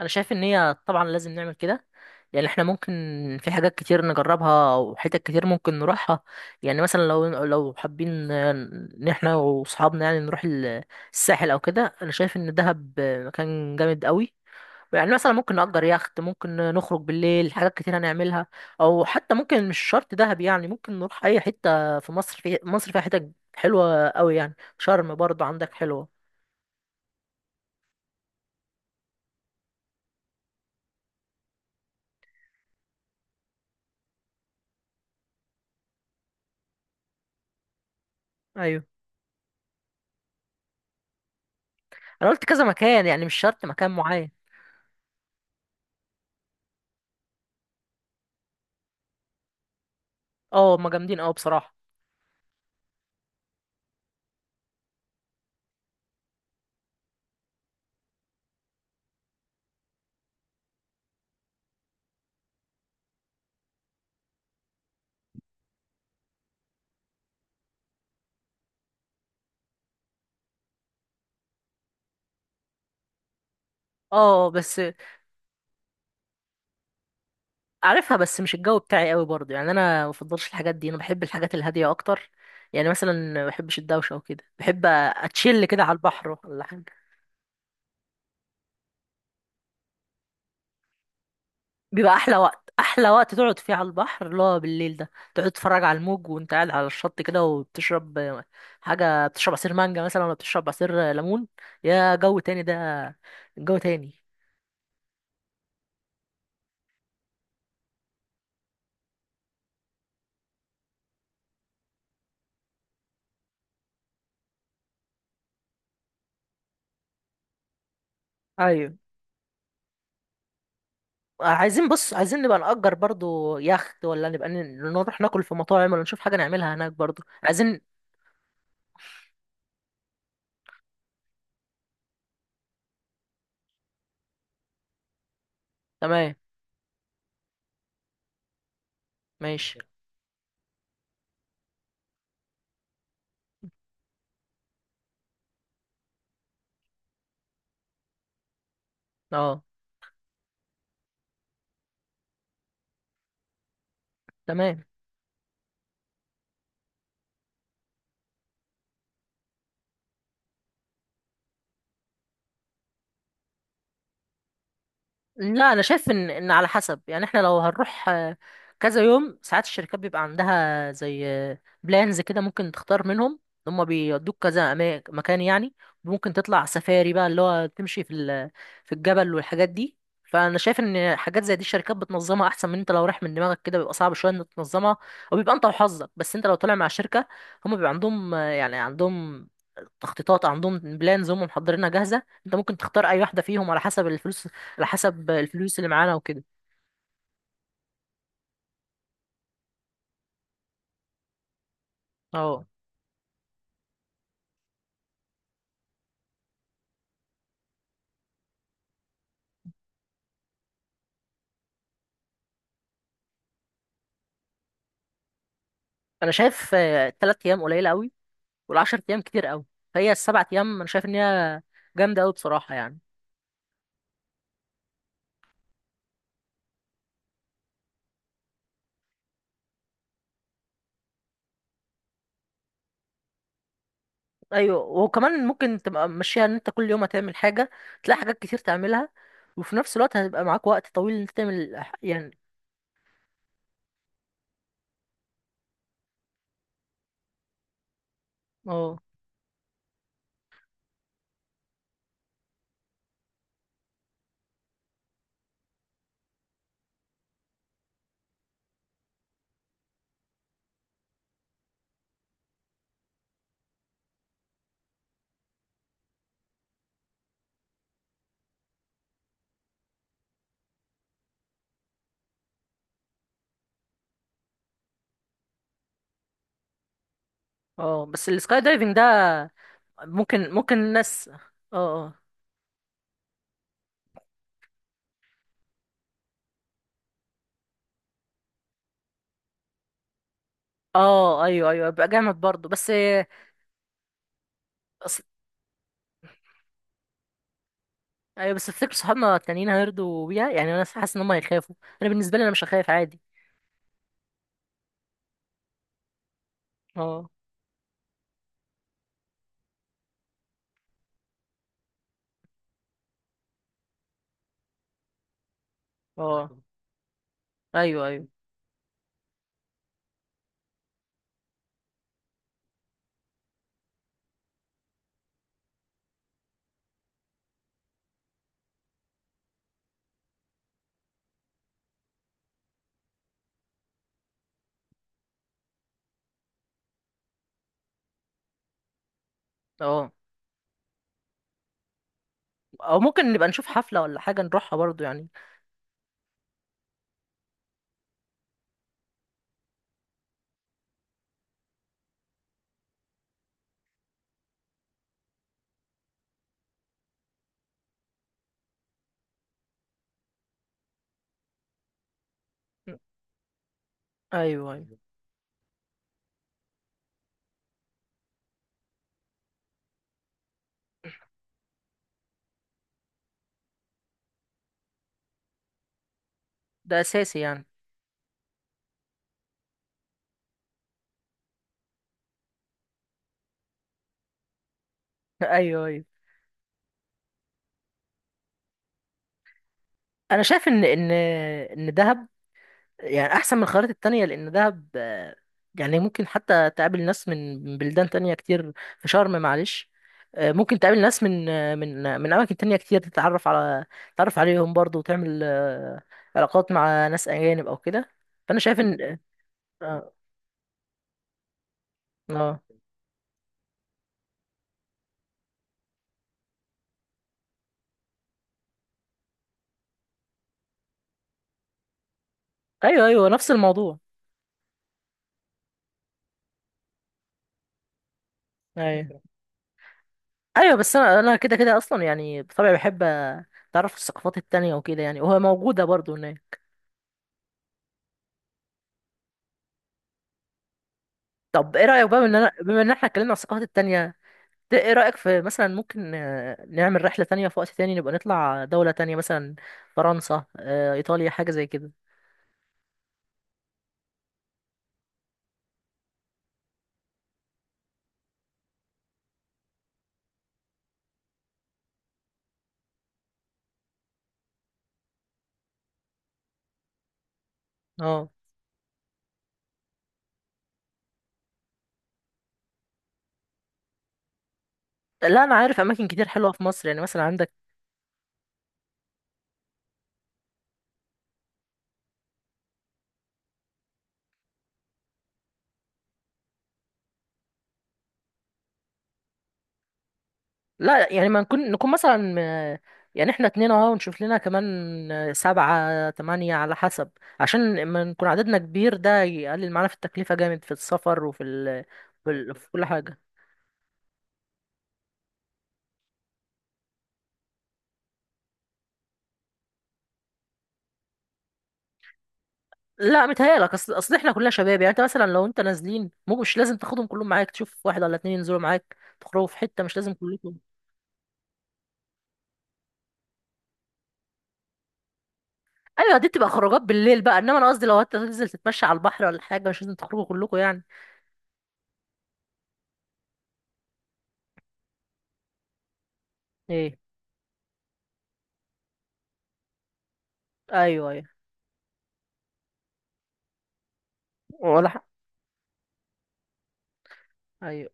انا شايف ان هي طبعا لازم نعمل كده. يعني احنا ممكن، في حاجات كتير نجربها وحتت كتير ممكن نروحها. يعني مثلا لو حابين ان احنا واصحابنا يعني نروح الساحل او كده، انا شايف ان دهب مكان جامد قوي. يعني مثلا ممكن نأجر يخت، ممكن نخرج بالليل، حاجات كتير هنعملها. او حتى ممكن مش شرط دهب، يعني ممكن نروح اي حتة في مصر. فيها حتت حلوة قوي، يعني شرم برضه عندك حلوة. ايوه. انا قلت كذا مكان، يعني مش شرط مكان معين. اه، هما جامدين قوي بصراحه. اه بس، عارفها بس مش الجو بتاعي قوي برضه، يعني انا ما بفضلش الحاجات دي، انا بحب الحاجات الهاديه اكتر. يعني مثلا ما بحبش الدوشه وكده، بحب اتشيل كده على البحر ولا حاجه. بيبقى احلى وقت تقعد فيه على البحر اللي هو بالليل ده، تقعد تتفرج على الموج وانت قاعد على الشط كده وبتشرب حاجه، بتشرب عصير مانجا مثلا ولا بتشرب عصير ليمون. يا جو تاني ده. جو تاني. ايوه. عايزين بص، عايزين نبقى نأجر برضو يخت، ولا نبقى نروح ناكل في مطاعم، ولا نشوف حاجة نعملها هناك برضو عايزين. تمام. ماشي. اه تمام. لا، انا شايف ان على حسب. يعني احنا لو هنروح كذا يوم، ساعات الشركات بيبقى عندها زي بلانز كده، ممكن تختار منهم. هم بيودوك كذا مكان يعني. ممكن تطلع سفاري بقى اللي هو تمشي في في الجبل والحاجات دي. فانا شايف ان حاجات زي دي الشركات بتنظمها احسن من انت لو رايح من دماغك كده، بيبقى صعب شويه انك تنظمها، او بيبقى انت وحظك. بس انت لو طالع مع شركه، هم بيبقى عندهم يعني عندهم تخطيطات، عندهم بلانز هم محضرينها جاهزه، انت ممكن تختار اي واحده فيهم على حسب الفلوس، على حسب الفلوس اللي معانا وكده. اه. انا شايف ال3 ايام قليله قوي، والعشر ايام كتير قوي، فهي ال7 ايام انا شايف ان هي جامده قوي بصراحه يعني. ايوه. وكمان ممكن تبقى ماشيها ان انت كل يوم هتعمل حاجه، تلاقي حاجات كتير تعملها، وفي نفس الوقت هتبقى معاك وقت طويل ان انت تعمل يعني. اه. اه بس السكاي دايفنج ده، ممكن الناس. اه. اه اه. ايوه ايوه، يبقى جامد برضه بس. ايوه بس تفتكر صحابنا التانيين هيرضوا بيها؟ يعني انا حاسس ان هم هيخافوا. انا بالنسبه لي انا مش هخاف عادي. اه. اه ايوه ايوه. اه. او ممكن نبقى نشوف حفله ولا حاجه نروحها برضو يعني. ايوه ايوه، ده اساسي يعني. ايوه ايوه. انا شايف ان دهب يعني احسن من الخيارات التانية، لان دهب يعني ممكن حتى تقابل ناس من بلدان تانية كتير. في شرم معلش ممكن تقابل ناس من اماكن تانية كتير. تتعرف عليهم برضو، وتعمل علاقات مع ناس اجانب او كده، فانا شايف ان... اه. آه. ايوه ايوه نفس الموضوع. ايوه. ايوه بس انا كده كده اصلا، يعني بطبعي بحب اتعرف على الثقافات التانية وكده، يعني وهي موجودة برضو هناك. طب ايه رأيك بقى ان انا بما ان احنا اتكلمنا عن الثقافات التانية، ده ايه رأيك في مثلا ممكن نعمل رحلة تانية في وقت تاني، نبقى نطلع دولة تانية مثلا فرنسا، ايطاليا، حاجة زي كده. اه. لا، انا عارف اماكن كتير حلوة في مصر، يعني مثلا عندك. لا، يعني ما نكون مثلا، يعني احنا اتنين اهو ونشوف لنا كمان، سبعة تمانية على حسب، عشان لما نكون عددنا كبير ده يقلل معانا في التكلفة جامد في السفر، وفي ال... في, ال... في كل حاجة. لا متهيألك، اصل احنا كلنا شباب، يعني انت مثلا لو انت نازلين مش لازم تاخدهم كلهم معاك، تشوف واحد ولا اتنين ينزلوا معاك، تخرجوا في حته مش لازم كلكم. ايوه، دي بتبقى خروجات بالليل بقى، انما انا قصدي لو انت تنزل تتمشى على البحر ولا حاجه مش لازم تخرجوا كلكم يعني. ايه. ايوه ايوه. ولا حق. ايوه.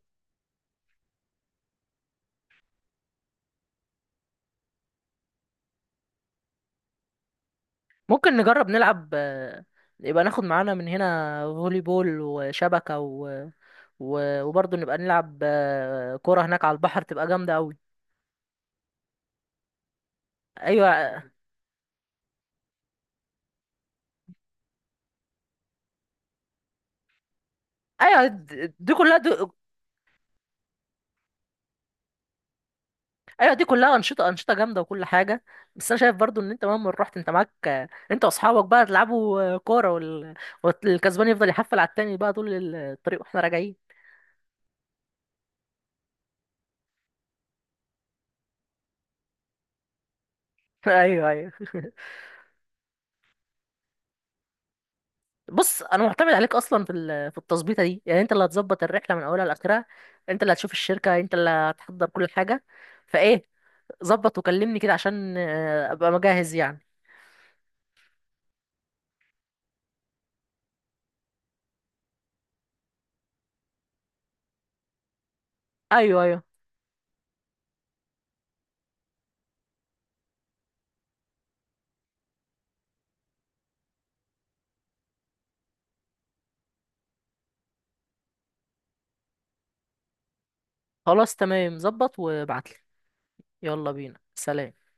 ممكن نجرب نلعب، يبقى ناخد معانا من هنا فولي بول وشبكه، وبرضه نبقى نلعب كوره هناك على البحر تبقى جامده قوي. ايوه ايوه، دي كلها دي. ايوه دي كلها انشطه، انشطه جامده وكل حاجه، بس انا شايف برضو ان انت مهما رحت، انت معاك انت واصحابك بقى تلعبوا كوره، والكسبان يفضل يحفل على التاني بقى طول الطريق واحنا راجعين. ايوه ايوه. بص، انا معتمد عليك اصلا في في التظبيطه دي، يعني انت اللي هتظبط الرحله من اولها لاخرها، انت اللي هتشوف الشركه، انت اللي هتحضر كل حاجه، فايه ظبط وكلمني كده عشان ابقى مجهز يعني. ايوه ايوه. خلاص تمام، ظبط وابعتلي. يلا بينا. سلام.